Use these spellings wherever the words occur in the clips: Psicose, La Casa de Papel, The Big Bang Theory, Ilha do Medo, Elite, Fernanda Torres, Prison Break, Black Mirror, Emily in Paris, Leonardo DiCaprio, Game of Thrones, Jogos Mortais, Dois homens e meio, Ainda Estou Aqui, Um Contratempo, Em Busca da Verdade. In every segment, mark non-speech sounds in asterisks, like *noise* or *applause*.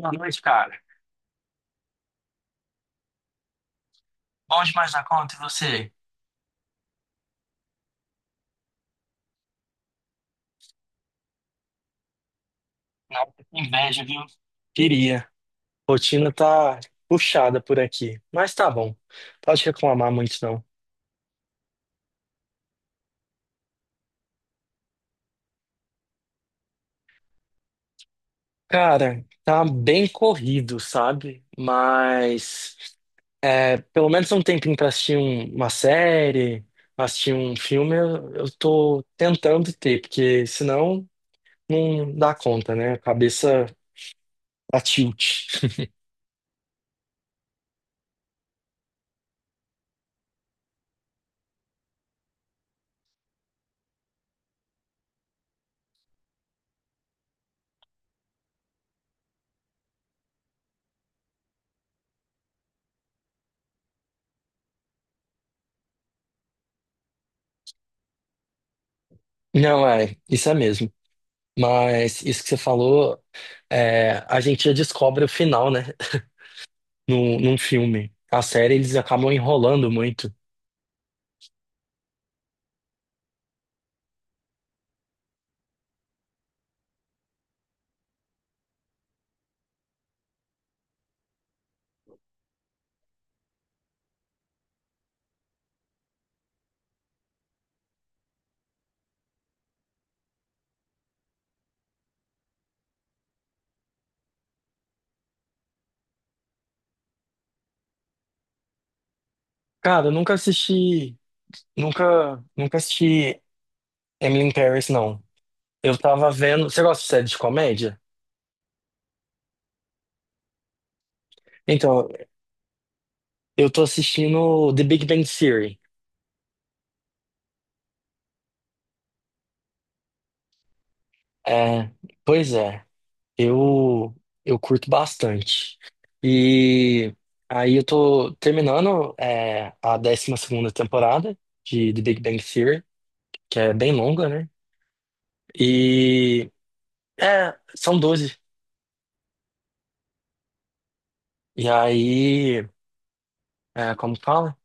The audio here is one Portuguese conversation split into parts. Boa noite, cara. Bom demais na conta, e você? Nada, inveja, viu? Queria. Rotina tá puxada por aqui, mas tá bom. Pode reclamar muito, não. Cara, tá bem corrido, sabe? Mas é, pelo menos um tempinho pra assistir uma série, assistir um filme, eu tô tentando ter, porque senão não dá conta, né? A cabeça tá tilt. Não, é, isso é mesmo. Mas isso que você falou, é, a gente já descobre o final, né? *laughs* Num filme. A série eles acabam enrolando muito. Cara, eu nunca assisti. Nunca, nunca assisti Emily in Paris, não. Eu tava vendo. Você gosta de série de comédia? Então, eu tô assistindo The Big Bang Theory. É, pois é, eu eu curto bastante. E aí eu tô terminando é, a 12ª temporada de The Big Bang Theory, que é bem longa, né? E é, são 12. E aí, é, como que fala?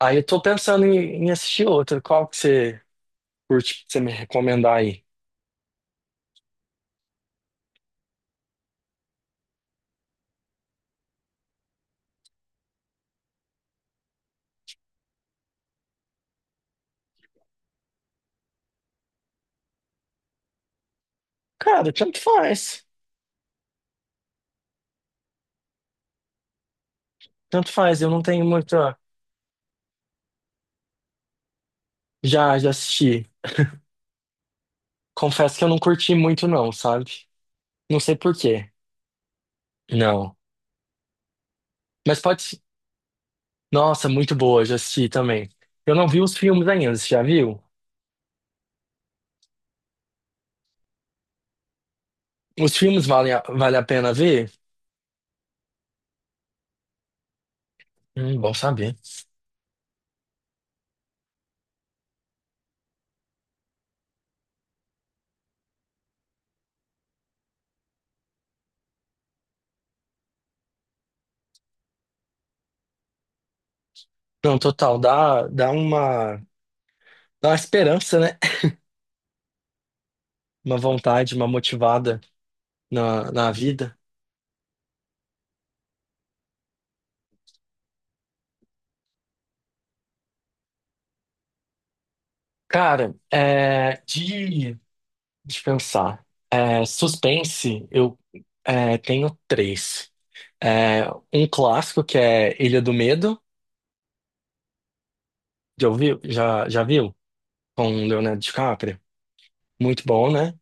Aí eu tô pensando em assistir outra. Qual que você curte que você me recomendar aí? Cara, tanto faz. Tanto faz, eu não tenho muita. Já, já assisti. Confesso que eu não curti muito, não, sabe? Não sei por quê. Não. Mas pode. Nossa, muito boa, já assisti também. Eu não vi os filmes ainda, você já viu? Os filmes valem vale a pena ver? Bom saber. Não, total, dá uma esperança, né? *laughs* Uma vontade, uma motivada na vida. Cara, é, de pensar, é, suspense, eu é, tenho três. É, um clássico que é Ilha do Medo, já ouviu? Já, já viu? Com o Leonardo DiCaprio. Muito bom, né?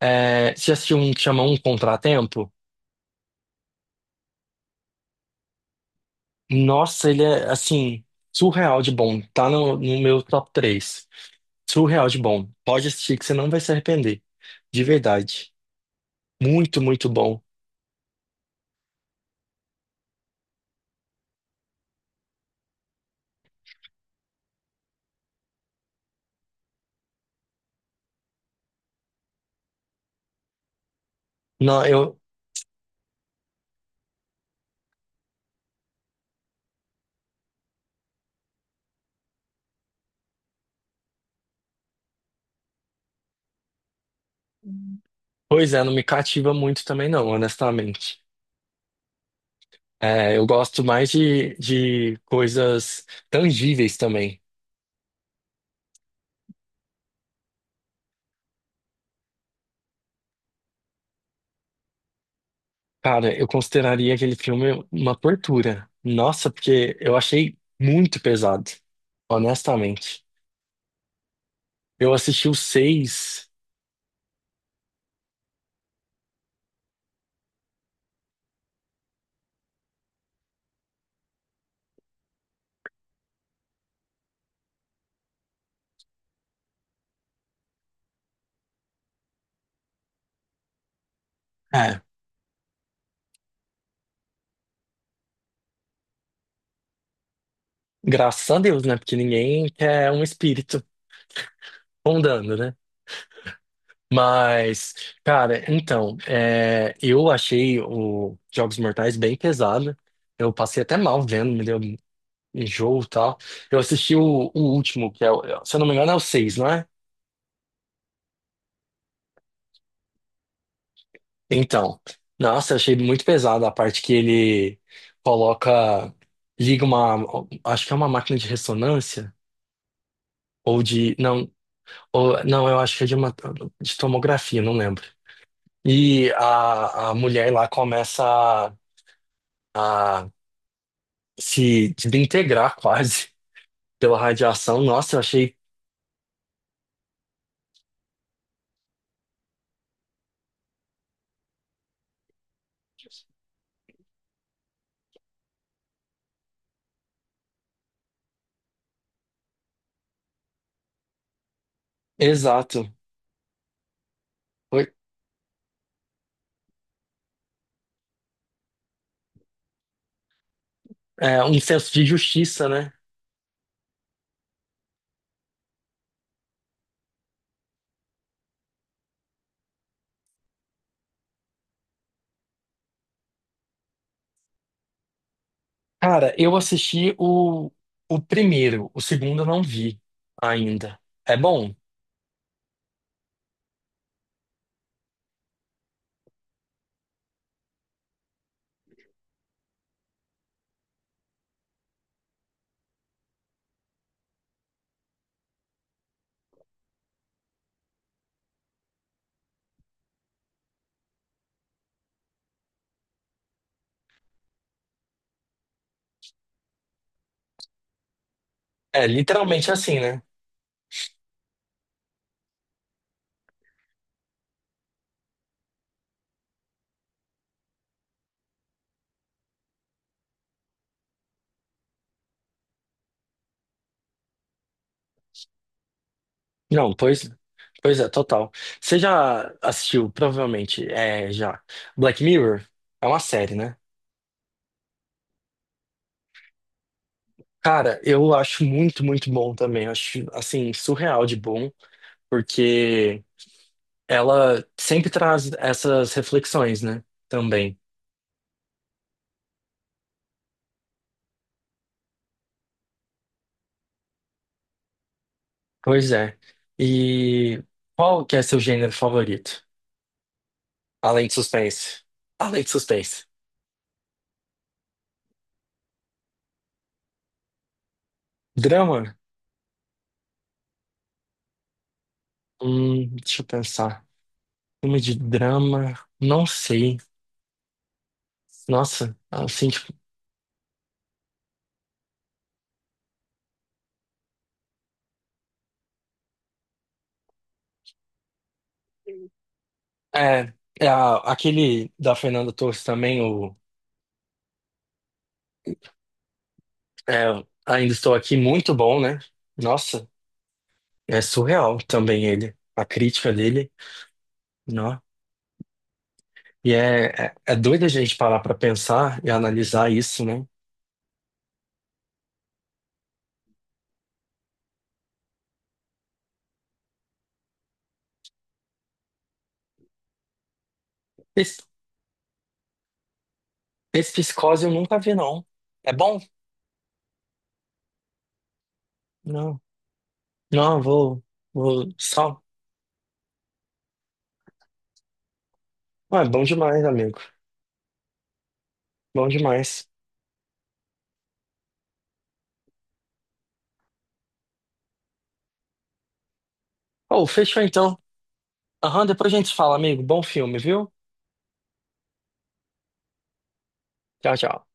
É, você já assistiu um que chama Um Contratempo? Nossa, ele é, assim, surreal de bom. Tá no meu top três. Surreal de bom. Pode assistir que você não vai se arrepender. De verdade. Muito, muito bom. Não, eu, pois é, não me cativa muito também não, honestamente. É, eu gosto mais de coisas tangíveis também. Cara, eu consideraria aquele filme uma tortura. Nossa, porque eu achei muito pesado, honestamente. Eu assisti os seis, é, graças a Deus, né? Porque ninguém quer um espírito rondando, né? Mas, cara, então, é, eu achei o Jogos Mortais bem pesado. Eu passei até mal vendo, me deu um enjoo e tal. Eu assisti o último, que é, se eu não me engano, é o seis, não é? Então, nossa, eu achei muito pesado a parte que ele coloca, liga uma, acho que é uma máquina de ressonância ou de, não, ou, não, eu acho que é de uma, de tomografia, não lembro. E a mulher lá começa a se desintegrar quase *laughs* pela radiação. Nossa, eu achei exato. Foi, é, um senso de justiça, né? Cara, eu assisti o primeiro, o segundo eu não vi ainda. É bom? É, literalmente assim, né? Não, pois é, total. Você já assistiu, provavelmente, é, já, Black Mirror? É uma série, né? Cara, eu acho muito, muito bom também. Eu acho, assim, surreal de bom, porque ela sempre traz essas reflexões, né? Também. Pois é. E qual que é seu gênero favorito? Além de suspense. Além de suspense. Drama? Deixa eu pensar. Filme de drama? Não sei. Nossa, assim, tipo, é, é aquele da Fernanda Torres também, o é, Ainda Estou Aqui, muito bom, né? Nossa, é surreal também ele, a crítica dele, não? E é doido a gente parar pra pensar e analisar isso, né? Esse, esse Psicose eu nunca vi, não. É bom? Não, não, vou só. Ah, é bom demais, amigo, bom demais. Oh, fechou então. Aham, depois a gente fala, amigo, bom filme, viu? Tchau, tchau.